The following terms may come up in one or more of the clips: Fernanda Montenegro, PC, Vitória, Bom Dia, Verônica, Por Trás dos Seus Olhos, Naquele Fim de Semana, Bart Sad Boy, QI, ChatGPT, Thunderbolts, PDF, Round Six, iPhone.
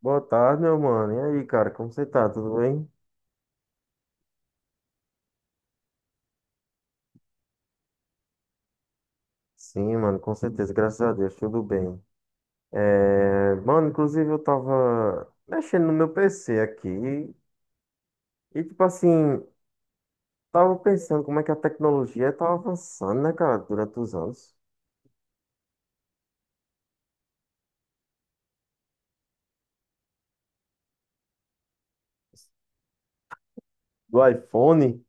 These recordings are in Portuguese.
Boa tarde, meu mano. E aí, cara, como você tá? Tudo bem? Sim, mano, com certeza, graças a Deus, tudo bem. É, mano, inclusive eu tava mexendo no meu PC aqui e, tipo assim, tava pensando como é que a tecnologia tá avançando, né, cara, durante os anos. Do iPhone?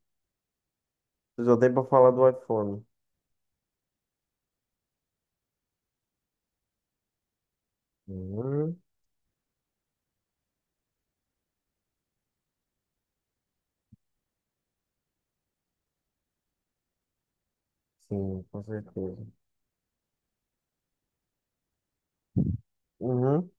Eu já dei pra falar do iPhone. Uhum. Sim, com certeza. Uhum.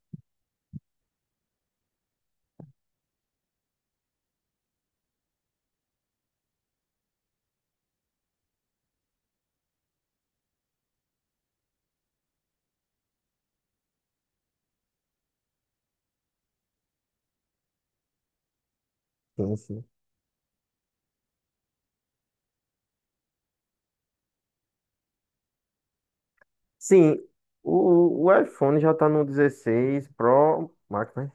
Sim, sim. Sim, o iPhone já tá no 16 Pro Max, né?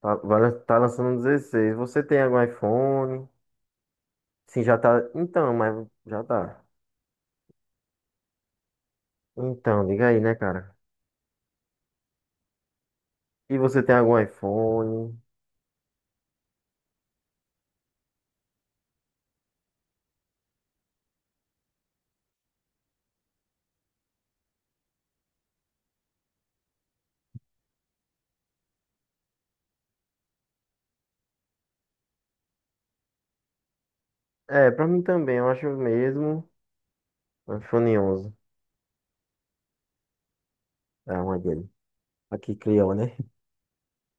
Tá, tá lançando um 16. Você tem algum iPhone? Sim, já tá. Então, mas já tá. Então, diga aí, né, cara? E você tem algum iPhone? É, pra mim também, eu acho o mesmo. Um iPhone 11. É uma dele. Aqui criou, né?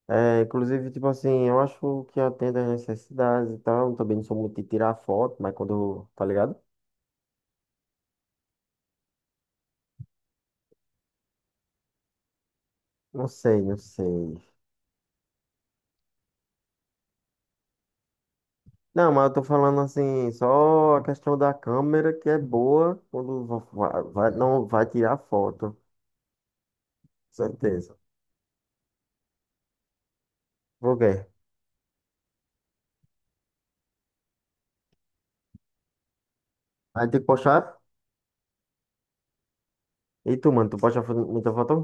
É, inclusive, tipo assim, eu acho que atende às necessidades e tal. Também não sou muito de tirar foto, mas quando, tá ligado? Não sei, não sei. Não, mas eu tô falando assim, só a questão da câmera que é boa quando vai, não vai tirar foto, certeza. Por quê? Aí tem que postar? E tu, mano, tu posta muita foto?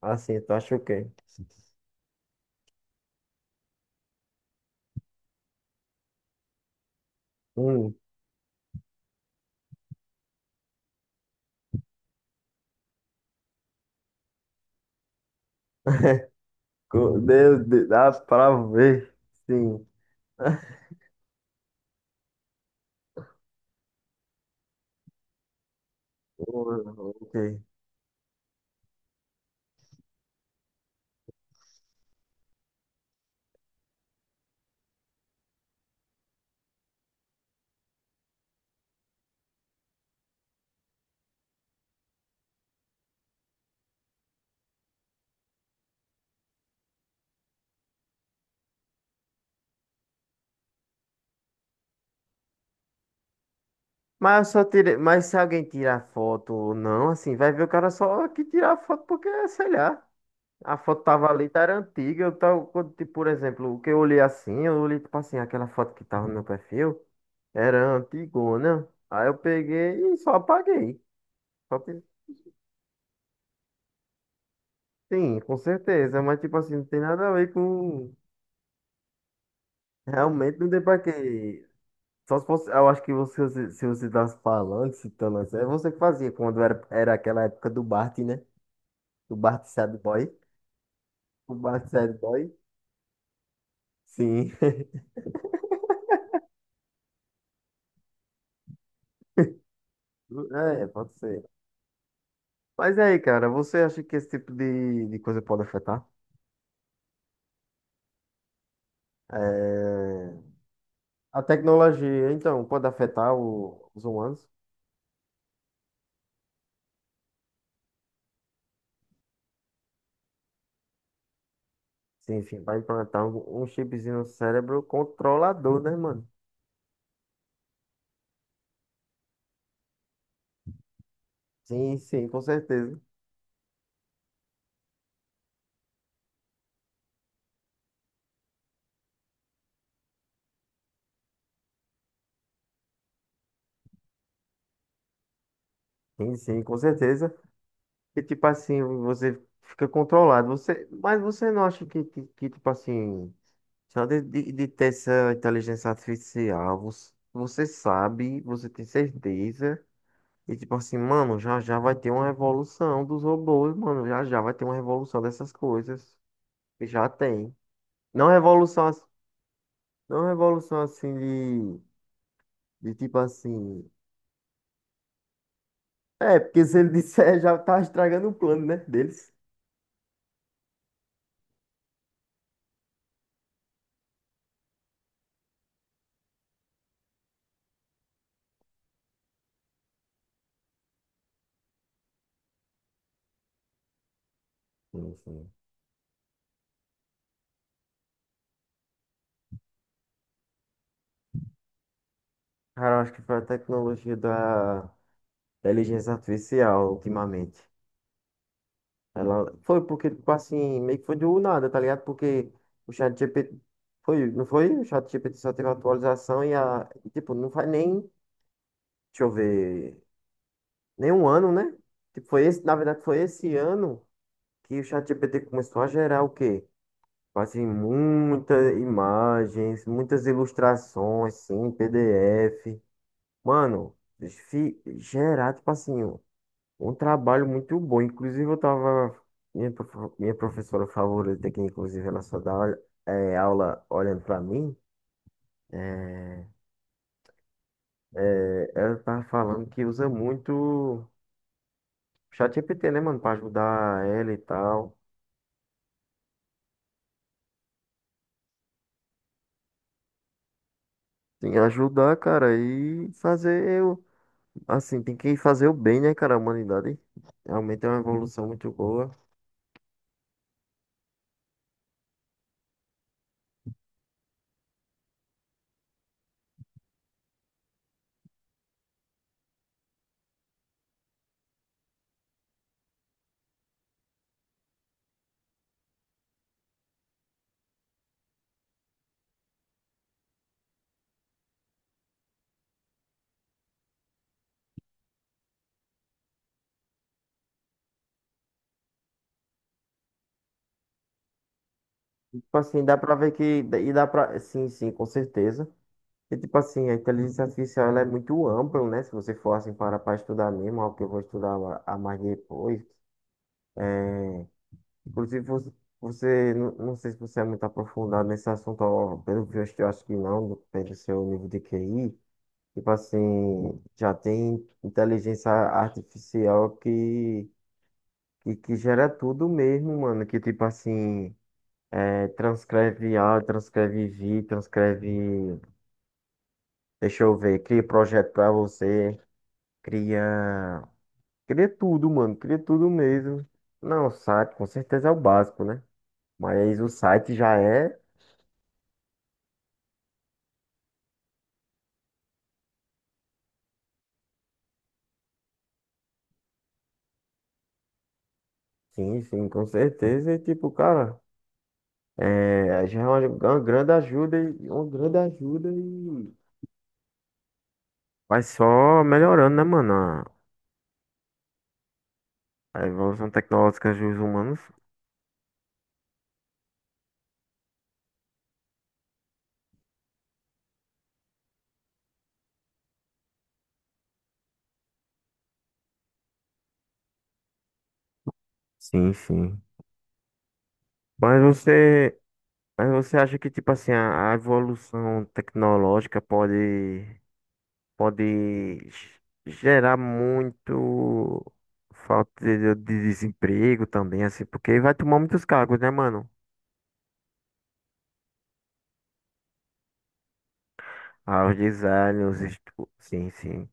Assim, tu acha o quê? Hum, meu Deus, dá pra ver, sim. Oh, ok. Mas eu só tirei, mas se alguém tirar foto ou não, assim, vai ver o cara só que tirar foto porque, é, sei lá. A foto tava ali, tá era antiga. Eu tava, quando, tipo, por exemplo, o que eu olhei assim, eu olhei, tipo assim, aquela foto que tava no meu perfil, era antigona. Aí eu peguei e só apaguei. Só que, sim, com certeza, mas, tipo assim, não tem nada a ver com. Realmente não tem pra quê. Só se fosse. Eu acho que você, se você tivesse falando, citando assim, é você que fazia quando era, era aquela época do Bart, né? Do Bart Sad Boy. O Bart Sad Boy. Sim. É, pode ser. Mas e aí, cara, você acha que esse tipo de coisa pode afetar? É, a tecnologia, então, pode afetar os humanos? Sim, sim, vai implantar um, um chipzinho no cérebro controlador, né, mano? Sim, sim, com certeza. Sim, sim, com certeza. E tipo assim, você fica controlado. Você... Mas você não acha que, tipo assim, só de ter essa inteligência artificial, você, você sabe, você tem certeza. E tipo assim, mano, já já vai ter uma revolução dos robôs, mano. Já já vai ter uma revolução dessas coisas. E já tem. Não revolução, não revolução assim de tipo assim. É, porque se ele disser, já tá estragando o plano, né, deles. Sim, sim. Cara, eu acho que foi a tecnologia da inteligência artificial ultimamente. Ela foi porque, tipo assim, meio que foi do nada, tá ligado? Porque o chat G GPT foi, não foi? O chat G GPT só teve atualização e a, e, tipo, não faz nem deixa eu ver, nem um ano, né? Tipo, foi esse, na verdade, foi esse ano que o ChatGPT começou a gerar o quê? Assim, muitas imagens, muitas ilustrações, sim, PDF. Mano, gerar, tipo assim, um trabalho muito bom. Inclusive, eu tava. Minha, minha professora favorita, que inclusive ela só é, aula olhando pra mim, é, é, ela tá falando que usa muito. ChatGPT, né, mano, pra ajudar ela e tal. Tem que ajudar, cara, e fazer o. Assim, tem que fazer o bem, né, cara, a humanidade. Realmente é uma evolução muito boa. Tipo assim, dá pra ver que. E dá pra. Sim, sim, com certeza. E tipo assim, a inteligência artificial ela é muito ampla, né? Se você for assim para pra estudar mesmo, algo que eu vou estudar a mais depois. Inclusive, você, você não, não sei se você é muito aprofundado nesse assunto, ó, pelo visto, eu acho que não, pelo seu nível de QI. Tipo assim, já tem inteligência artificial que gera tudo mesmo, mano. Que tipo assim, é, transcreve áudio, transcreve vídeo, transcreve. Deixa eu ver, cria projeto pra você, cria. Cria tudo, mano, cria tudo mesmo. Não, o site com certeza é o básico, né? Mas o site já é, sim, sim, com certeza. E tipo, cara, é, já é uma grande ajuda, e uma grande ajuda e. Vai só melhorando, né, mano? A evolução tecnológica dos humanos. Sim, sim. Mas você, mas você acha que, tipo assim, a evolução tecnológica pode, pode gerar muito falta de desemprego também, assim, porque vai tomar muitos cargos, né, mano? Ah, os designers, sim, sim.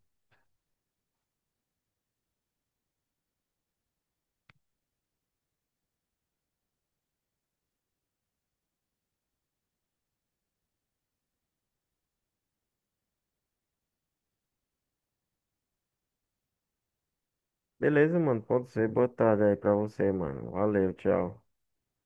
Beleza, mano. Pode ser. Boa tarde aí pra você, mano. Valeu, tchau.